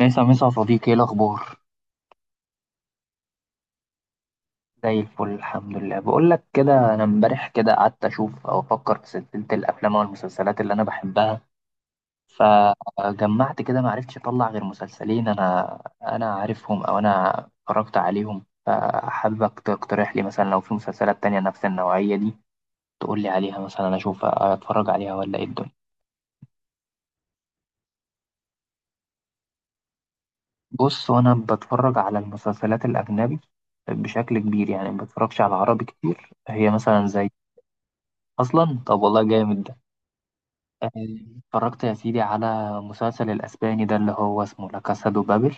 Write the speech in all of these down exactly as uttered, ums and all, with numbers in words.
مسا مسا يا صديقي، ايه الاخبار؟ زي الفل الحمد لله. بقول لك كده، انا امبارح كده قعدت اشوف او افكر في سلسله الافلام والمسلسلات اللي انا بحبها، فجمعت كده ما عرفتش اطلع غير مسلسلين انا انا عارفهم او انا اتفرجت عليهم، فحاببك تقترح لي مثلا لو في مسلسلات تانية نفس النوعيه دي تقول لي عليها، مثلا انا اشوف اتفرج عليها ولا ايه الدنيا. بص، وانا بتفرج على المسلسلات الاجنبي بشكل كبير، يعني ما بتفرجش على عربي كتير. هي مثلا زي اصلا، طب والله جامد ده. آه، اتفرجت يا سيدي على مسلسل الاسباني ده اللي هو اسمه لا كاسا دو بابل،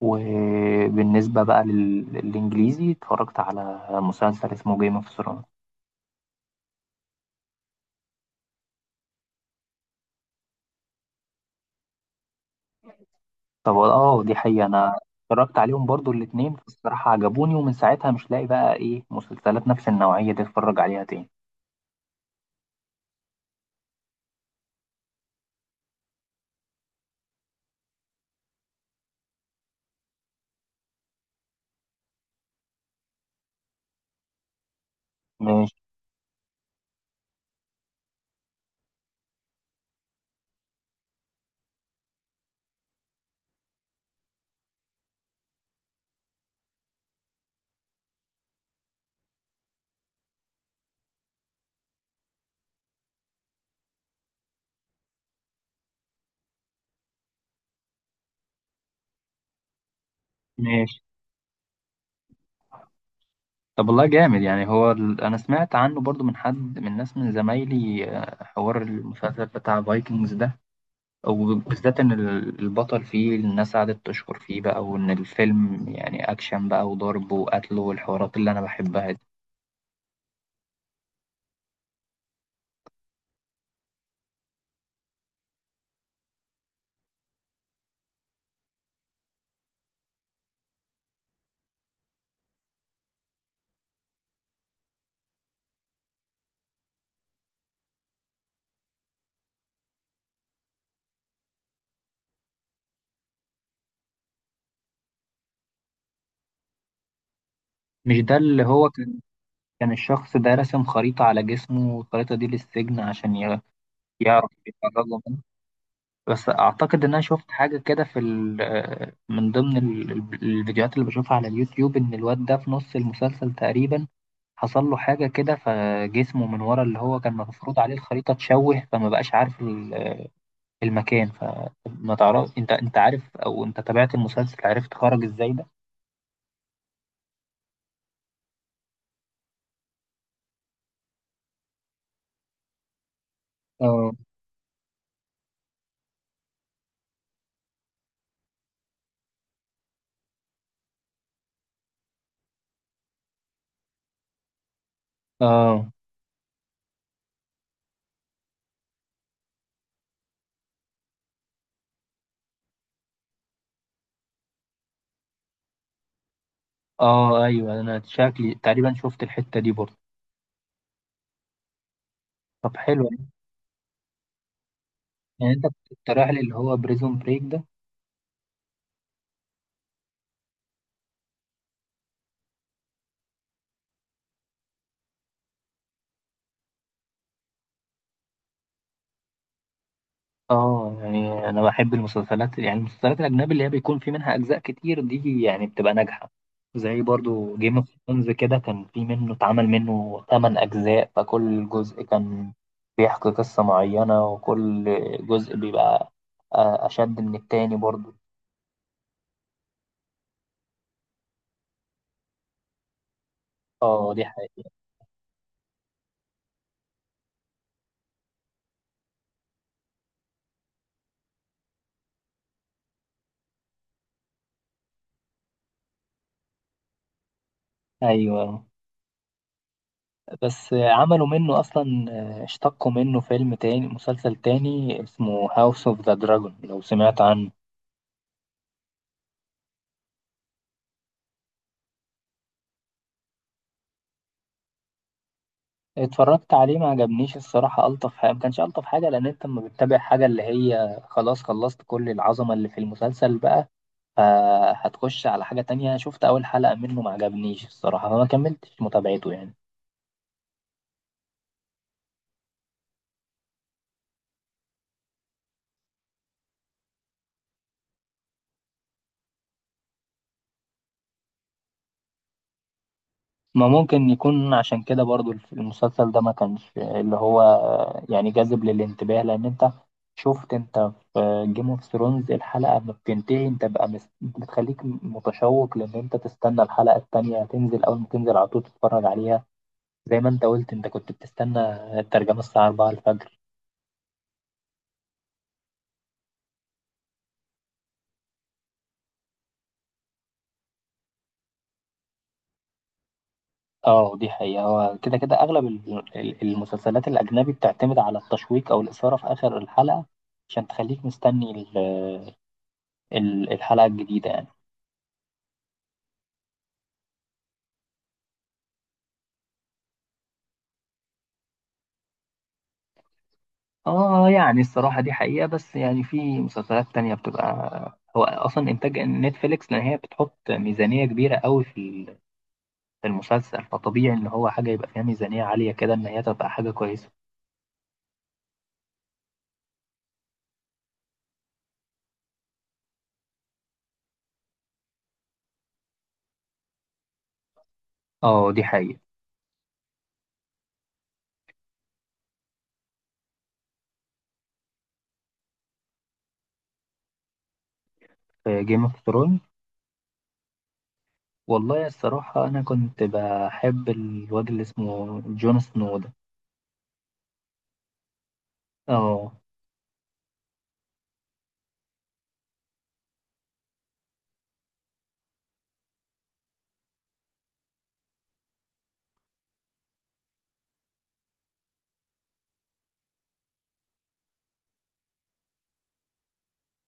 وبالنسبه بقى لل- للانجليزي اتفرجت على مسلسل اسمه جيم اوف ثرونز. طب اه، دي حقيقه، انا اتفرجت عليهم برضو الاتنين، الصراحه عجبوني، ومن ساعتها مش لاقي بقى ايه مسلسلات نفس النوعيه دي اتفرج عليها تاني. ماشي. ماشي. طب والله جامد يعني. هو ال... انا سمعت عنه برضو من حد من ناس من زمايلي، آه، حوار المسلسل بتاع فايكنجز ده، وبالذات إن ال- البطل فيه الناس قعدت تشكر فيه بقى، وإن الفيلم يعني أكشن بقى وضرب وقتل والحوارات اللي أنا بحبها دي. مش ده اللي هو كان؟ كان الشخص ده راسم خريطة على جسمه والخريطة دي للسجن عشان ي- يعرف يتفرغ منه. بس أعتقد إن أنا شفت حاجة كده في ال- من ضمن ال- ال- الفيديوهات اللي بشوفها على اليوتيوب، إن الواد ده في نص المسلسل تقريبا حصل له حاجة كده فجسمه من ورا، اللي هو كان مفروض عليه الخريطة اتشوه فما بقاش عارف ال- المكان. فما تعرف انت انت عارف او انت تابعت المسلسل، عرفت خرج ازاي ده؟ اه. اه. اه. ايوه، انا شكلي تقريبا شفت الحتة دي برضه. طب حلو. يعني انت كنت رايح اللي هو بريزون بريك ده؟ اه، يعني انا بحب المسلسلات، يعني المسلسلات الاجنبي اللي هي بيكون في منها اجزاء كتير دي، يعني بتبقى ناجحه. زي برضو جيم اوف ثرونز كده، كان في منه اتعمل منه 8 اجزاء، فكل جزء كان بيحكي قصه معينه، وكل جزء بيبقى آه، اشد من التاني برضو. اه دي حقيقه. ايوه بس عملوا منه اصلا، آه، اشتقوا منه فيلم تاني، مسلسل تاني اسمه هاوس اوف ذا دراجون، لو سمعت عنه. اتفرجت عليه ما عجبنيش الصراحة. ألطف حاجة، ما كانش ألطف حاجة، لأن أنت لما بتتابع حاجة اللي هي خلاص خلصت كل العظمة اللي في المسلسل بقى، فهتخش على حاجة تانية. شفت أول حلقة منه ما عجبنيش الصراحة، فما كملتش متابعته يعني. ما ممكن يكون عشان كده برضو الف- المسلسل ده ما كانش اللي هو يعني جاذب للانتباه، لأن أنت شفت أنت في جيم اوف ثرونز، الحلقة ما بتنتهي أنت بقى مس... بتخليك متشوق لأن أنت تستنى الحلقة التانية تنزل، أول ما تنزل على طول تتفرج عليها. زي ما انت قلت، انت كنت بتستنى الترجمة الساعة اربعة الفجر. اه دي حقيقة، هو كده كده اغلب ال- ال- المسلسلات الاجنبي بتعتمد على التشويق او الاثارة في اخر الحلقة عشان تخليك مستني ال- ال- الحلقة الجديدة يعني. اه، يعني الصراحة دي حقيقة، بس يعني في مسلسلات تانية بتبقى هو اصلا انتاج نتفليكس، لان هي بتحط ميزانية كبيرة قوي في ال- في المسلسل، فطبيعي ان هو حاجة يبقى فيها ميزانية عالية كده ان هي تبقى حاجة كويسة. اه دي حقيقة. في جيم اوف، والله الصراحة أنا كنت بحب الواد اللي اسمه جون سنو ده. اه.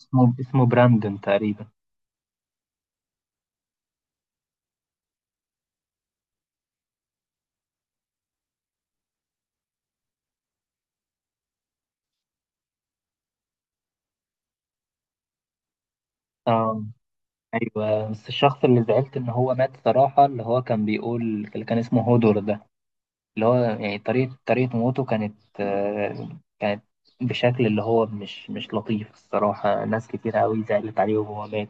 اسمه اسمه براندون تقريبا. اه، أيوة. بس الشخص اللي زعلت إن هو مات صراحة، اللي هو كان بيقول، اللي كان اسمه هودور ده، اللي هو يعني طريقة طريقة موته كانت آه، كانت بشكل اللي هو مش مش لطيف الصراحة، ناس كتير أوي زعلت عليه وهو مات.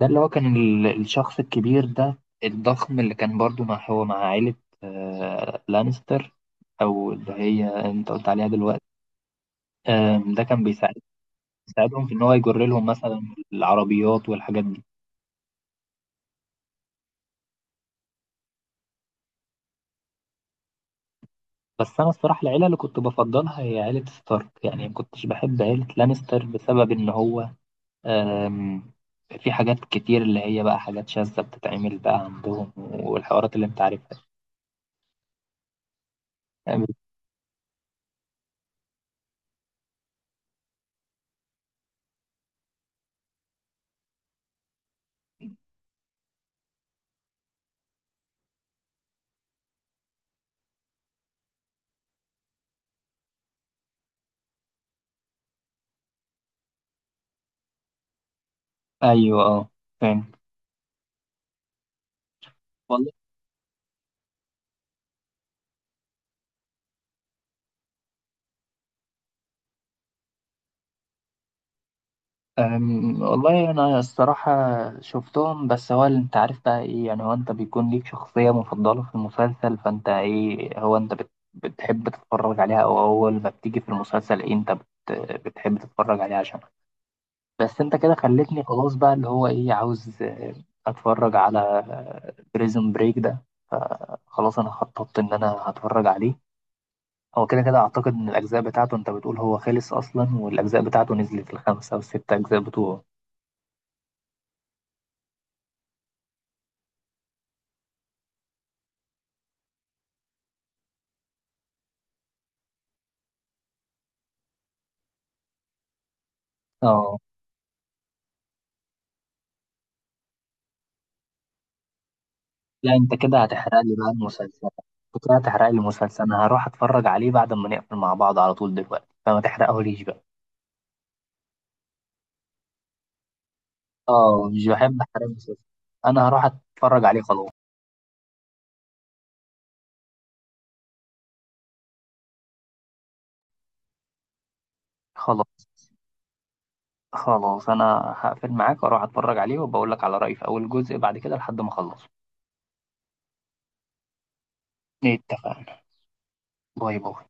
ده اللي هو كان ال- الشخص الكبير ده الضخم، اللي كان برضو مع، هو مع عائلة آه، لانستر، أو اللي هي أنت قلت عليها دلوقتي. آم، ده كان بيساعد، بيساعدهم في إن هو يجر لهم مثلا العربيات والحاجات دي. بس أنا الصراحة العيلة اللي كنت بفضلها هي عيلة ستارك، يعني ما كنتش بحب عيلة لانستر بسبب إن هو، آم، في حاجات كتير اللي هي بقى حاجات شاذة بتتعمل بقى عندهم، والحوارات اللي أنت عارفها. أيوه أه، فاهم. أم، والله أنا الصراحة شفتهم، بس هو اللي أنت عارف بقى إيه، يعني هو أنت بيكون ليك شخصية مفضلة في المسلسل، فأنت إيه، هو أنت بت بتحب تتفرج عليها، أو أول ما بتيجي في المسلسل إيه أنت بت بتحب تتفرج عليها عشان. بس أنت كده خلتني خلاص بقى، اللي هو إيه، عاوز آه، أتفرج على بريزون بريك ده، فخلاص أنا خططت إن أنا هتفرج عليه. هو كده كده أعتقد إن الأجزاء بتاعته، أنت بتقول هو خلص أصلا، والأجزاء بتاعته نزلت الخمسة أو الست أجزاء بتوعه. اه. لا، انت كده هتحرق لي بقى المسلسل. انت كده هتحرق لي المسلسل، انا هروح اتفرج عليه بعد ما نقفل مع بعض على طول دلوقتي، فما تحرقهوليش بقى. اه، مش بحب احرق المسلسل. انا هروح اتفرج عليه خلاص. خلاص. خلاص انا هقفل معاك واروح اتفرج عليه، وبقول لك على رأيي في اول جزء بعد كده لحد ما اخلصه. اتفقنا. باي باي.